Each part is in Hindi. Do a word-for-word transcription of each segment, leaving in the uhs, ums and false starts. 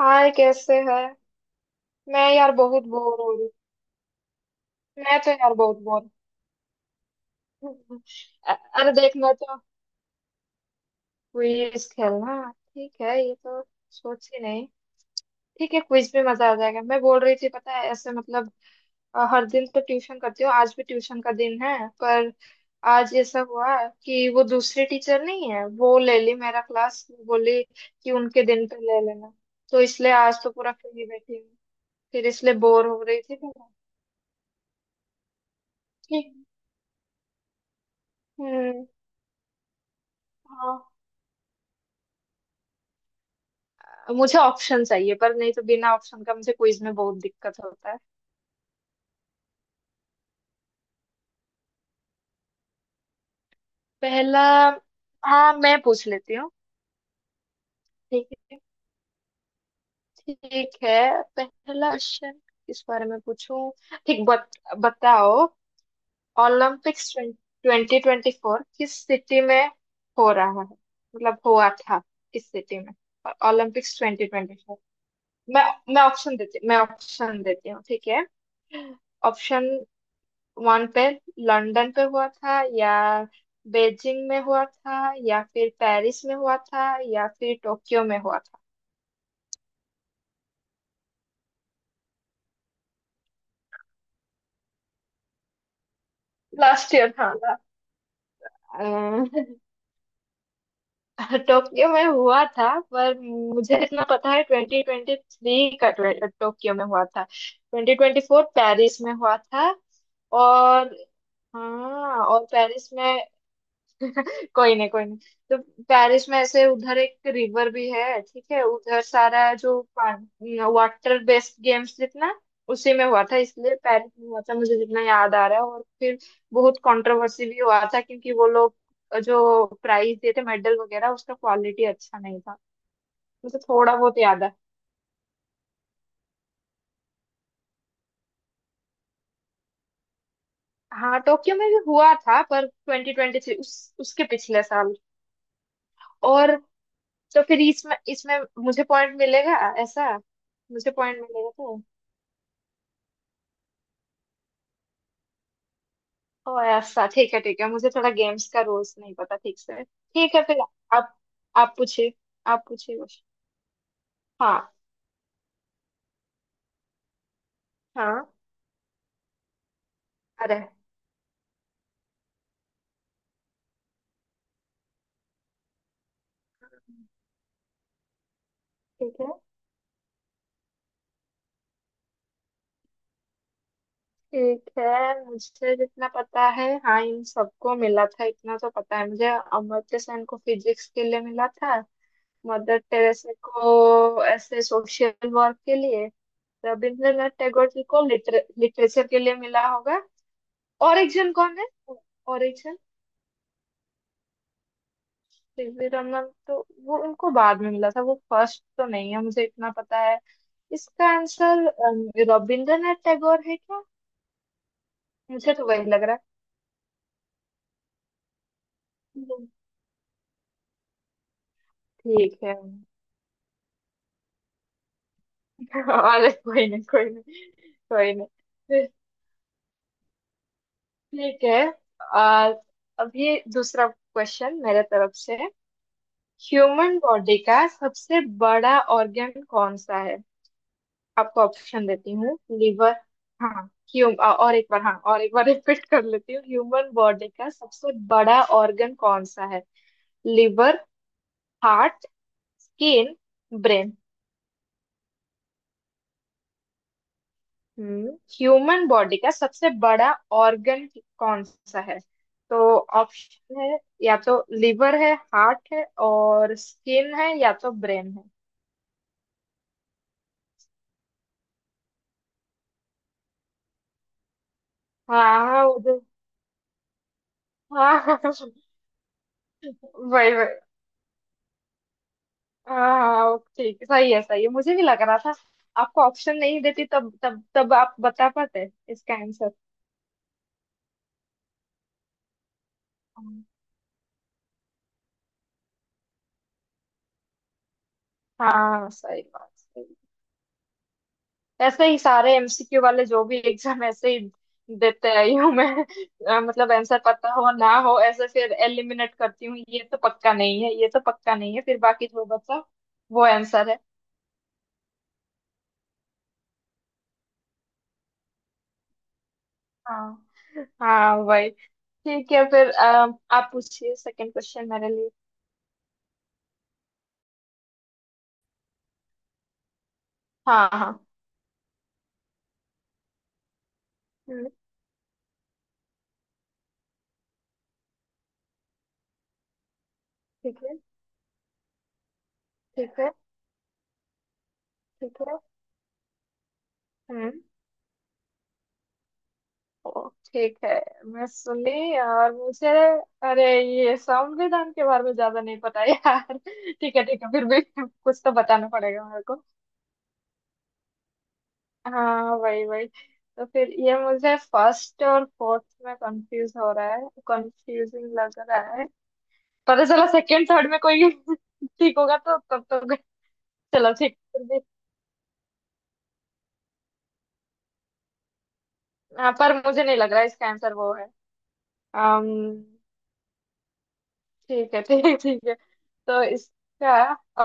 हाय, कैसे है? मैं यार बहुत बोर हो रही। मैं तो यार बहुत बोर। अ- अरे देखना तो। क्विज खेलना ठीक है ये तो। सोच ही नहीं। ठीक है, क्विज में मजा आ जाएगा। मैं बोल रही थी पता है ऐसे मतलब अ, हर दिन तो ट्यूशन करती हूँ, आज भी ट्यूशन का दिन है, पर आज ऐसा हुआ कि वो दूसरी टीचर नहीं है, वो ले ली मेरा क्लास, वो बोली कि उनके दिन पे ले लेना, तो इसलिए आज तो पूरा फ्री बैठी हूँ। फिर इसलिए बोर हो रही थी मैं। ठीक। हम्म। हाँ। मुझे ऑप्शन चाहिए, पर नहीं तो बिना ऑप्शन का मुझे क्विज में बहुत दिक्कत होता है। पहला। हाँ मैं पूछ लेती हूँ। ठीक है। ठीक है। पहला क्वेश्चन। किस बारे में पूछूं? ठीक बत, बताओ। ओलंपिक्स ट्वेंटी ट्वेंटी फोर किस सिटी में हो रहा है, मतलब हुआ था, किस सिटी में? और ओलंपिक्स ट्वेंटी ट्वेंटी फोर। मैं मैं ऑप्शन देती मैं ऑप्शन देती हूँ, ठीक है? ऑप्शन वन पे, लंदन पे हुआ था या बेजिंग में हुआ था या फिर पेरिस में हुआ था या फिर टोक्यो में हुआ था? लास्ट ईयर था ना? अ, टोक्यो में हुआ था पर मुझे इतना पता है ट्वेंटी ट्वेंटी थ्री का, ट्वे- टोक्यो में हुआ था, ट्वेंटी ट्वेंटी फोर पेरिस में हुआ था। और हाँ, और पेरिस में। कोई नहीं, कोई नहीं। तो पेरिस में ऐसे उधर एक रिवर भी है, ठीक है, उधर सारा जो वाटर बेस्ड गेम्स जितना उसी में हुआ था, इसलिए पेरिस में हुआ था मुझे जितना याद आ रहा है। और फिर बहुत कंट्रोवर्सी भी हुआ था क्योंकि वो लोग जो प्राइज देते थे, मेडल वगैरह, उसका क्वालिटी अच्छा नहीं था। मुझे थोड़ा बहुत याद है। हाँ टोक्यो में भी हुआ था पर ट्वेंटी ट्वेंटी थ्री, उस उसके पिछले साल। और तो फिर इसमें इसमें मुझे पॉइंट मिलेगा ऐसा? मुझे पॉइंट मिलेगा तो? ओ ऐसा? ठीक है, ठीक है, मुझे थोड़ा गेम्स का रूल्स नहीं पता ठीक से। ठीक है फिर। आप आप पूछिए। आप पूछिए कुछ। हाँ हाँ। अरे। ठीक है, ठीक है। मुझे जितना पता है, हाँ, इन सबको मिला था इतना तो पता है। मुझे अमर्त्य सेन को फिजिक्स के लिए मिला था। मदर टेरेसा को ऐसे सोशल वर्क के लिए। रविंद्रनाथ टैगोर जी को लिटरे, लिटरेचर के लिए मिला होगा। और एक जन कौन है? और। सीवी रमन तो वो उनको बाद में मिला था, वो फर्स्ट तो नहीं है मुझे इतना पता है। इसका आंसर अम, रविंद्रनाथ टैगोर है क्या? मुझे तो वही लग रहा है। हम्म। ठीक है। अरे कोई नहीं, कोई नहीं, कोई नहीं। फिर ठीक है। आ, अभी दूसरा क्वेश्चन मेरे तरफ से। ह्यूमन बॉडी का सबसे बड़ा ऑर्गन कौन सा है? आपको ऑप्शन देती हूँ, लिवर। हाँ। ह्यूम और एक बार, हाँ, और एक बार रिपीट कर लेती हूँ, ह्यूमन बॉडी का सबसे बड़ा ऑर्गन कौन सा है? Liver, heart, skin, brain. हम्म। ह्यूमन बॉडी का सबसे बड़ा ऑर्गन कौन सा है? तो ऑप्शन है, या तो लिवर है, हार्ट है और स्किन है, या तो ब्रेन है। हाँ। हाँ वो जो- हाँ वही, वही। हाँ हाँ, ठीक है, सही है, सही है, मुझे भी लग रहा था। आपको ऑप्शन नहीं देती तब तब तब आप बता पाते इसका आंसर? हाँ हाँ, सही बात, सही बात। ऐसे ही सारे एमसीक्यू वाले जो भी एग्जाम ऐसे ही देते आई हूँ मैं। अ, मतलब आंसर पता हो ना हो, ऐसे फिर एलिमिनेट करती हूँ, ये तो पक्का नहीं है, ये तो पक्का नहीं है, फिर बाकी जो बचा वो आंसर है। हाँ हाँ वही। ठीक है फिर अ, आप पूछिए सेकंड क्वेश्चन मेरे लिए। हाँ हाँ। हम्म। ठीक है, ठीक है, ठीक है। हम्म। ओ, ठीक है, मैं सुन ली। और मुझे, अरे, ये संविधान के बारे में ज्यादा नहीं पता यार ठीक है, ठीक है, फिर भी कुछ तो बताना पड़ेगा मेरे को। हाँ वही वही। तो फिर ये मुझे फर्स्ट और फोर्थ में कंफ्यूज हो रहा है, कंफ्यूजिंग लग रहा है। पता चला सेकंड थर्ड में कोई ठीक होगा तो तब तो चलो ठीक फिर भी। हाँ पर मुझे नहीं लग रहा इसका आंसर वो है। Um, ठीक है, ठीक है, ठीक है। तो इसका,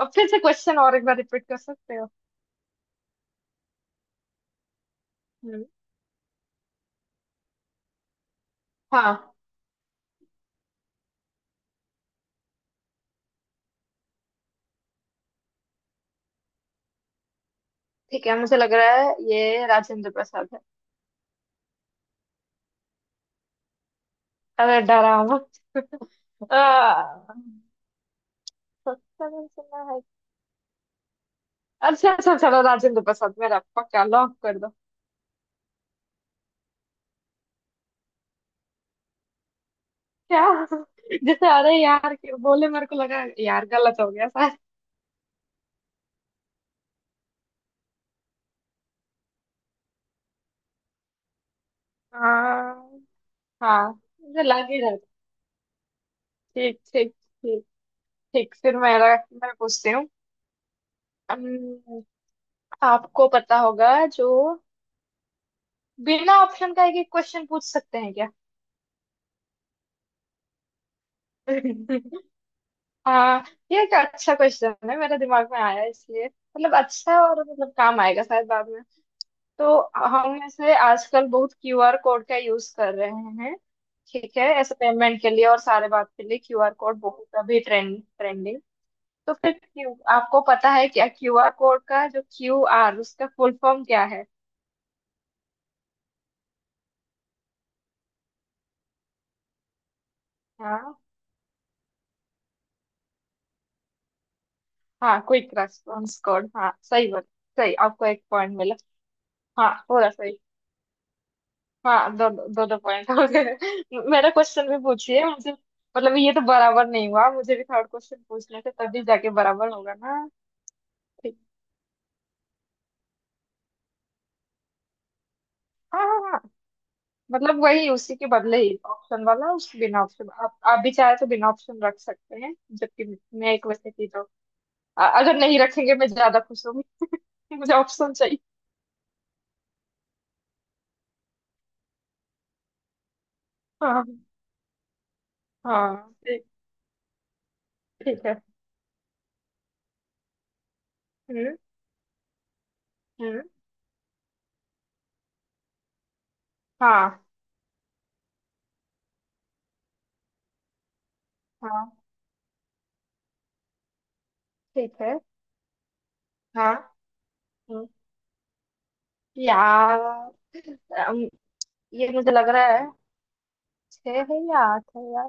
अब फिर से क्वेश्चन और एक बार रिपीट कर सकते हो? हम्म। हाँ। ठीक है, मुझे लग रहा है ये राजेंद्र प्रसाद है। अरे डरा मत। आ, सत्ता में सुना है। अच्छा अच्छा, चलो, राजेंद्र प्रसाद मेरा पक्का लॉक कर दो। क्या? जैसे अरे यार के बोले मेरे को लगा यार गलत हो गया शायद। हाँ हाँ। मुझे लग ही रहा था। ठीक, ठीक, ठीक। ठीक फिर मेरा, मैं पूछती हूँ। आपको पता होगा जो बिना ऑप्शन का एक एक क्वेश्चन पूछ सकते हैं क्या? हाँ। ये एक अच्छा क्वेश्चन है मेरे दिमाग में आया इसलिए, मतलब अच्छा, और मतलब काम आएगा शायद बाद में। तो हम ऐसे आजकल बहुत क्यूआर कोड का यूज कर रहे हैं। ठीक है, ऐसे पेमेंट के लिए और सारे बात के लिए क्यूआर कोड बहुत अभी ट्रेंड, ट्रेंडिंग। तो फिर क्यू आपको पता है क्या क्यूआर कोड का जो क्यूआर उसका फुल फॉर्म क्या है? हाँ। हाँ क्विक रेस्पॉन्स कोड, हाँ सही बात। सही। आपको एक पॉइंट मिला। हाँ पूरा सही। हाँ, दो दो दो पॉइंट हो गए। मेरा क्वेश्चन भी पूछिए मुझे, मतलब ये तो बराबर नहीं हुआ, मुझे भी थर्ड क्वेश्चन पूछने थे तभी जाके बराबर होगा ना। ठीक। हाँ हाँ हाँ। मतलब वही उसी के बदले ही ऑप्शन वाला उस बिना ऑप्शन आप आप भी चाहे तो बिना ऑप्शन रख सकते हैं, जबकि मैं एक वैसे थी तो अ- अगर नहीं रखेंगे मैं ज्यादा खुश होंगी। मुझे ऑप्शन चाहिए। हाँ हाँ। ठीक। ठीक है। हम्म हम्म। हाँ हाँ। ठीक है। हाँ। हम्म, यार अम, ये मुझे लग रहा है छह है या आठ है यार।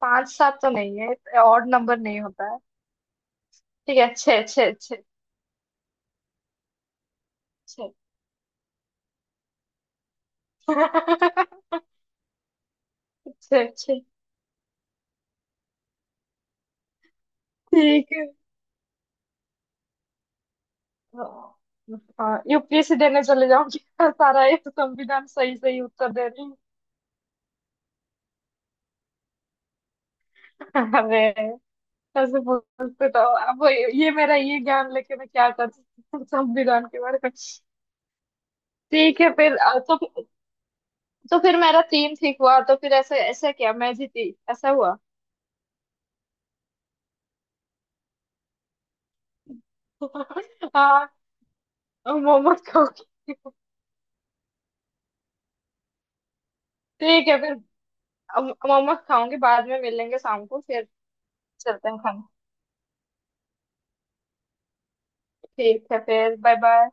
पांच सात तो नहीं है, ऑड नंबर नहीं होता है। ठीक है, छह छह छह, छह छह छह ठीक है। हाँ यूपीएससी देने चले जाऊंगी सारा ये संविधान सही सही उत्तर दे रही हूँ। अरे। ऐसे बोलते तो, अब ये मेरा ये ज्ञान लेके मैं क्या कर सकती हूँ संविधान के बारे में। ठीक है फिर अ, तुम। तो फिर मेरा तीन ठीक हुआ, तो फिर ऐसा ऐसा क्या, मैं जीती, ऐसा हुआ? हाँ। अब मोमोज खाओगी। ठीक है फिर, अब मोमोज खाऊंगी, बाद में मिलेंगे शाम को फिर। चलते हैं खाने। ठीक है फिर। Bye bye.